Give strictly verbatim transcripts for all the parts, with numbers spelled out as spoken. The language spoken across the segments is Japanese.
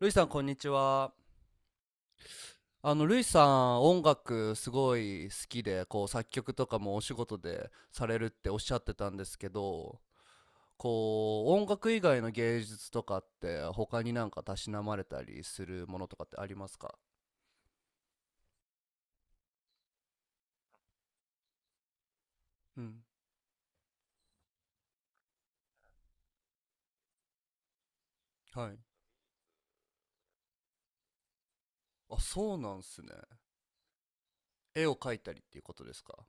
ルイさん、こんにちは。あの、ルイさん、音楽すごい好きで、こう、作曲とかもお仕事でされるっておっしゃってたんですけど、こう、音楽以外の芸術とかって、他になんかたしなまれたりするものとかってありますか？うん。はい。あ、そうなんすね。絵を描いたりっていうことですか？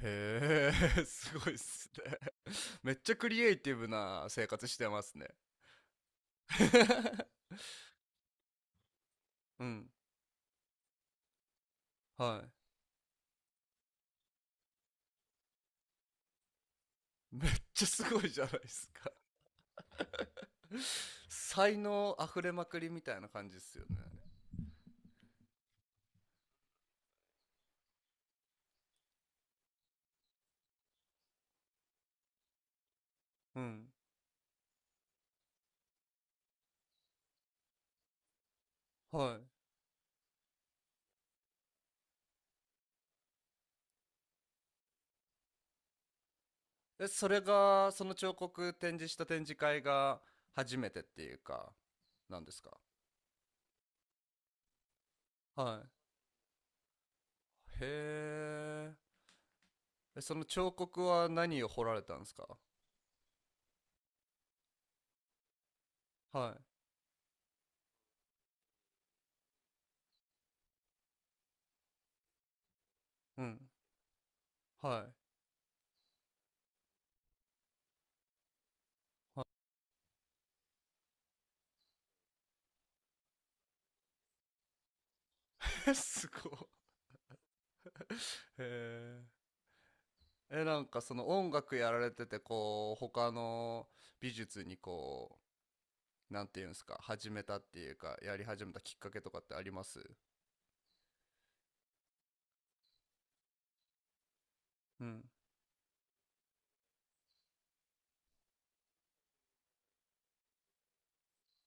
へえ、すごいっすね。めっちゃクリエイティブな生活してますね。うん。はい。めっちゃすごいじゃないですか。才能あふれまくりみたいな感じですよね。うん。はい。え、それが、その彫刻展示した展示会が初めてっていうか、なんですか？はい。へーえ。その彫刻は何を彫られたんですか？はい。うん。はい。はい、すごい。へーえ、なんかその音楽やられてて、こう、他の美術にこう、なんていうんですか、始めたっていうか、やり始めたきっかけとかってあります？うん。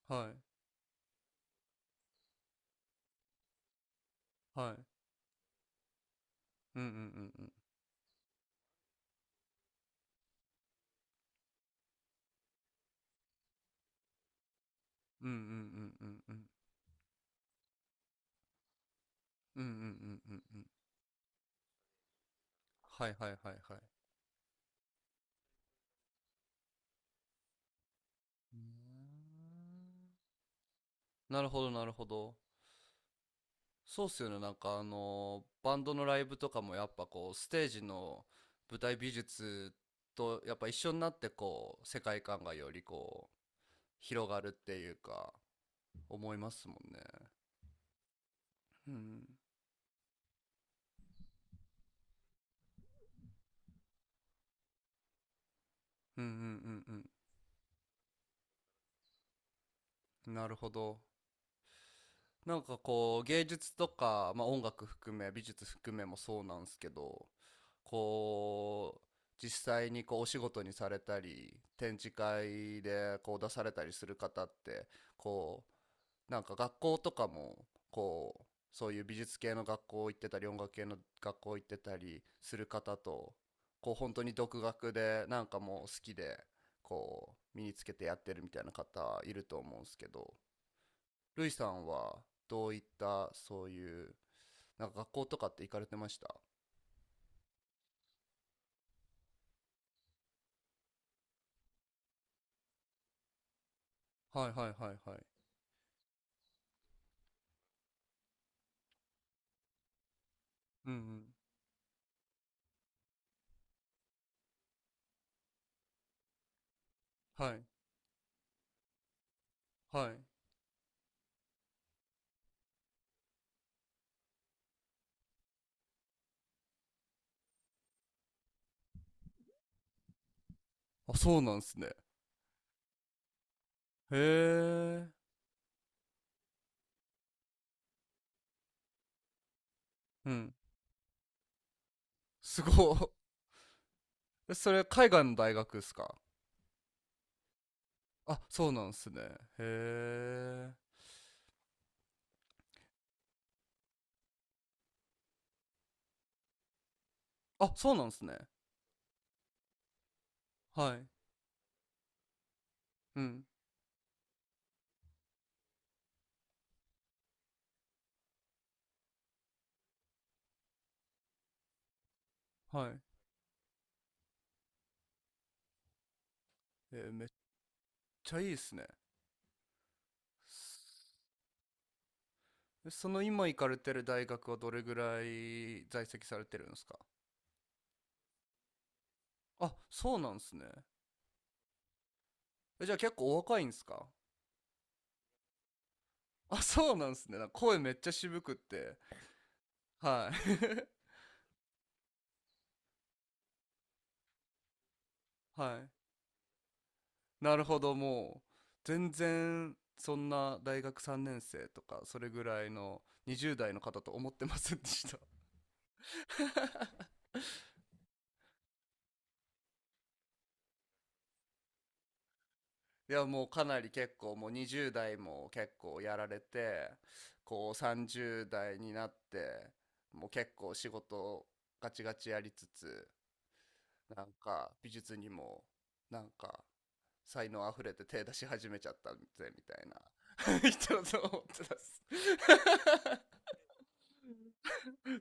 はい。はい。うんうんうんうん。うんうんうんうんうん。うんうんうんうんうん。はいはいはいはい。うーん、なるほどなるほど。そうっすよね。なんかあのバンドのライブとかもやっぱこう、ステージの舞台美術とやっぱ一緒になってこう、世界観がよりこう、広がるっていうか、思いますもんね。うん。うんうんうんうん。なるほど。なんかこう芸術とか、まあ、音楽含め美術含めもそうなんですけど、こう実際にこうお仕事にされたり展示会でこう出されたりする方ってこうなんか学校とかもこうそういう美術系の学校行ってたり音楽系の学校行ってたりする方とこう本当に独学でなんかもう好きでこう身につけてやってるみたいな方いると思うんですけど、ルイさんはどういったそういうなんか学校とかって行かれてました？はいはいはいはい。うんうん。はいはい。あ、そうなんですね。へえ。うん。すごっ。え、それ海外の大学っすか？あ、そうなんですね。へえ。あ、そうなんですね。はい。うん。はい。えーめっちゃいいっすね。え、その今行かれてる大学はどれぐらい在籍されてるんですか？あ、そうなんですね。え、じゃあ結構お若いんですか？ あ、そうなんですね。なんか声めっちゃ渋くって。はい。はい。なるほど、もう、全然、そんな大学さんねん生とか、それぐらいのにじゅう代の方と思ってませんでした。いや、もうかなり結構、もうにじゅう代も結構やられて、こうさんじゅう代になって、もう結構仕事をガチガチやりつつ、なんか美術にも、なんか才能あふれて手出し始めちゃったぜみたいな 人だと思ってたっす。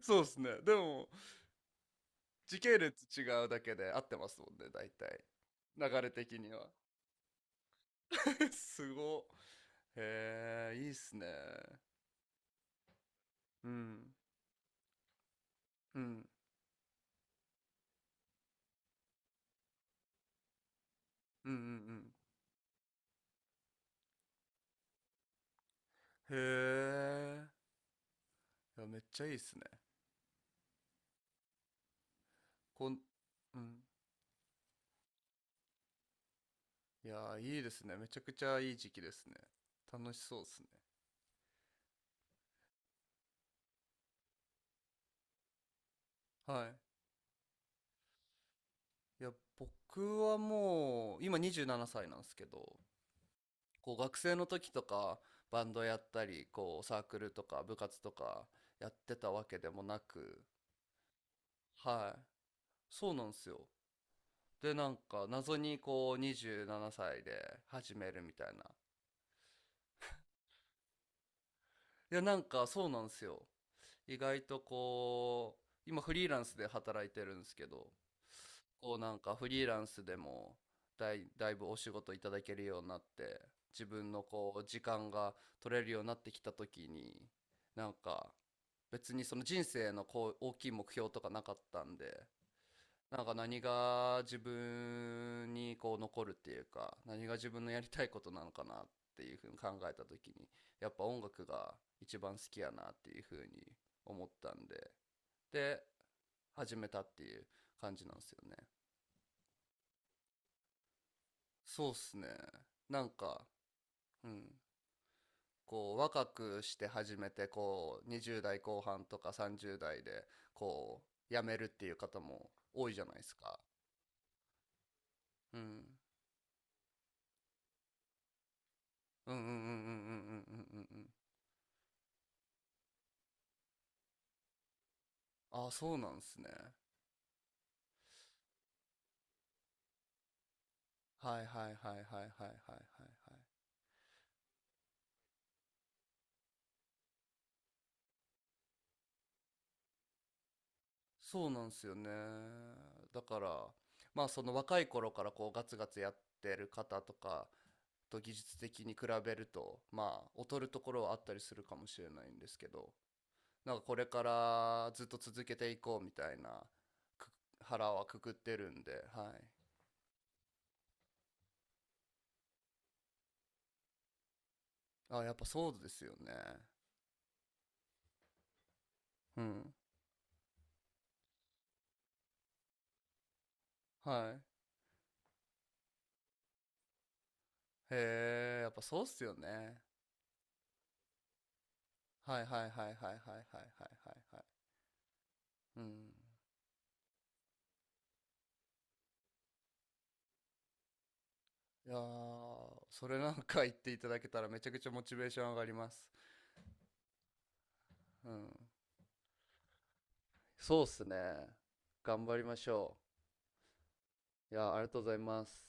そうっすね、でも時系列違うだけで合ってますもんね、大体流れ的には。 すごへえ、いいっすね。うんうんうんうんうん、へえ、いや、めっちゃいいっすね。こんうん、いや、いいですね、めちゃくちゃいい時期ですね。楽しそうっすね。はい。いや、僕はもう、今にじゅうななさいななさいなんですけど、こう学生の時とか、バンドやったり、こうサークルとか部活とかやってたわけでもなく、はい。そうなんですよ。で、なんか、謎にこうにじゅうななさいで始めるみたいな。いや、なんかそうなんですよ。意外とこう、今フリーランスで働いてるんですけど、こうなんかフリーランスでもだい、だいぶお仕事いただけるようになって、自分のこう時間が取れるようになってきた時になんか、別にその人生のこう大きい目標とかなかったんで、なんか何が自分にこう残るっていうか、何が自分のやりたいことなのかなっていうふうに考えた時に、やっぱ音楽が一番好きやなっていうふうに思ったんで、で、始めたっていう感じなんですよね。そうっすね。なんか、うん。こう、若くして始めて、こう、にじゅう代後半とかさんじゅう代で、こう、辞めるっていう方も多いじゃないですか。うん。うんうんうんうんうんうんうんうんうん。ああ、そうなんですね。はいはいはいはいはいはいはいはい。そうなんですよね。だから、まあその若い頃からこうガツガツやってる方とかと技術的に比べると、まあ劣るところはあったりするかもしれないんですけど、なんかこれからずっと続けていこうみたいな、く腹はくくってるんで、はい。あ、やっぱそうですよね。うん。はい。へえ、やっぱそうっすよね。はいはいはいはいはいはいはいはいはい。うん。いやー、それなんか言っていただけたらめちゃくちゃモチベーション上がります。うん。そうっすね。頑張りましょう。いやありがとうございます。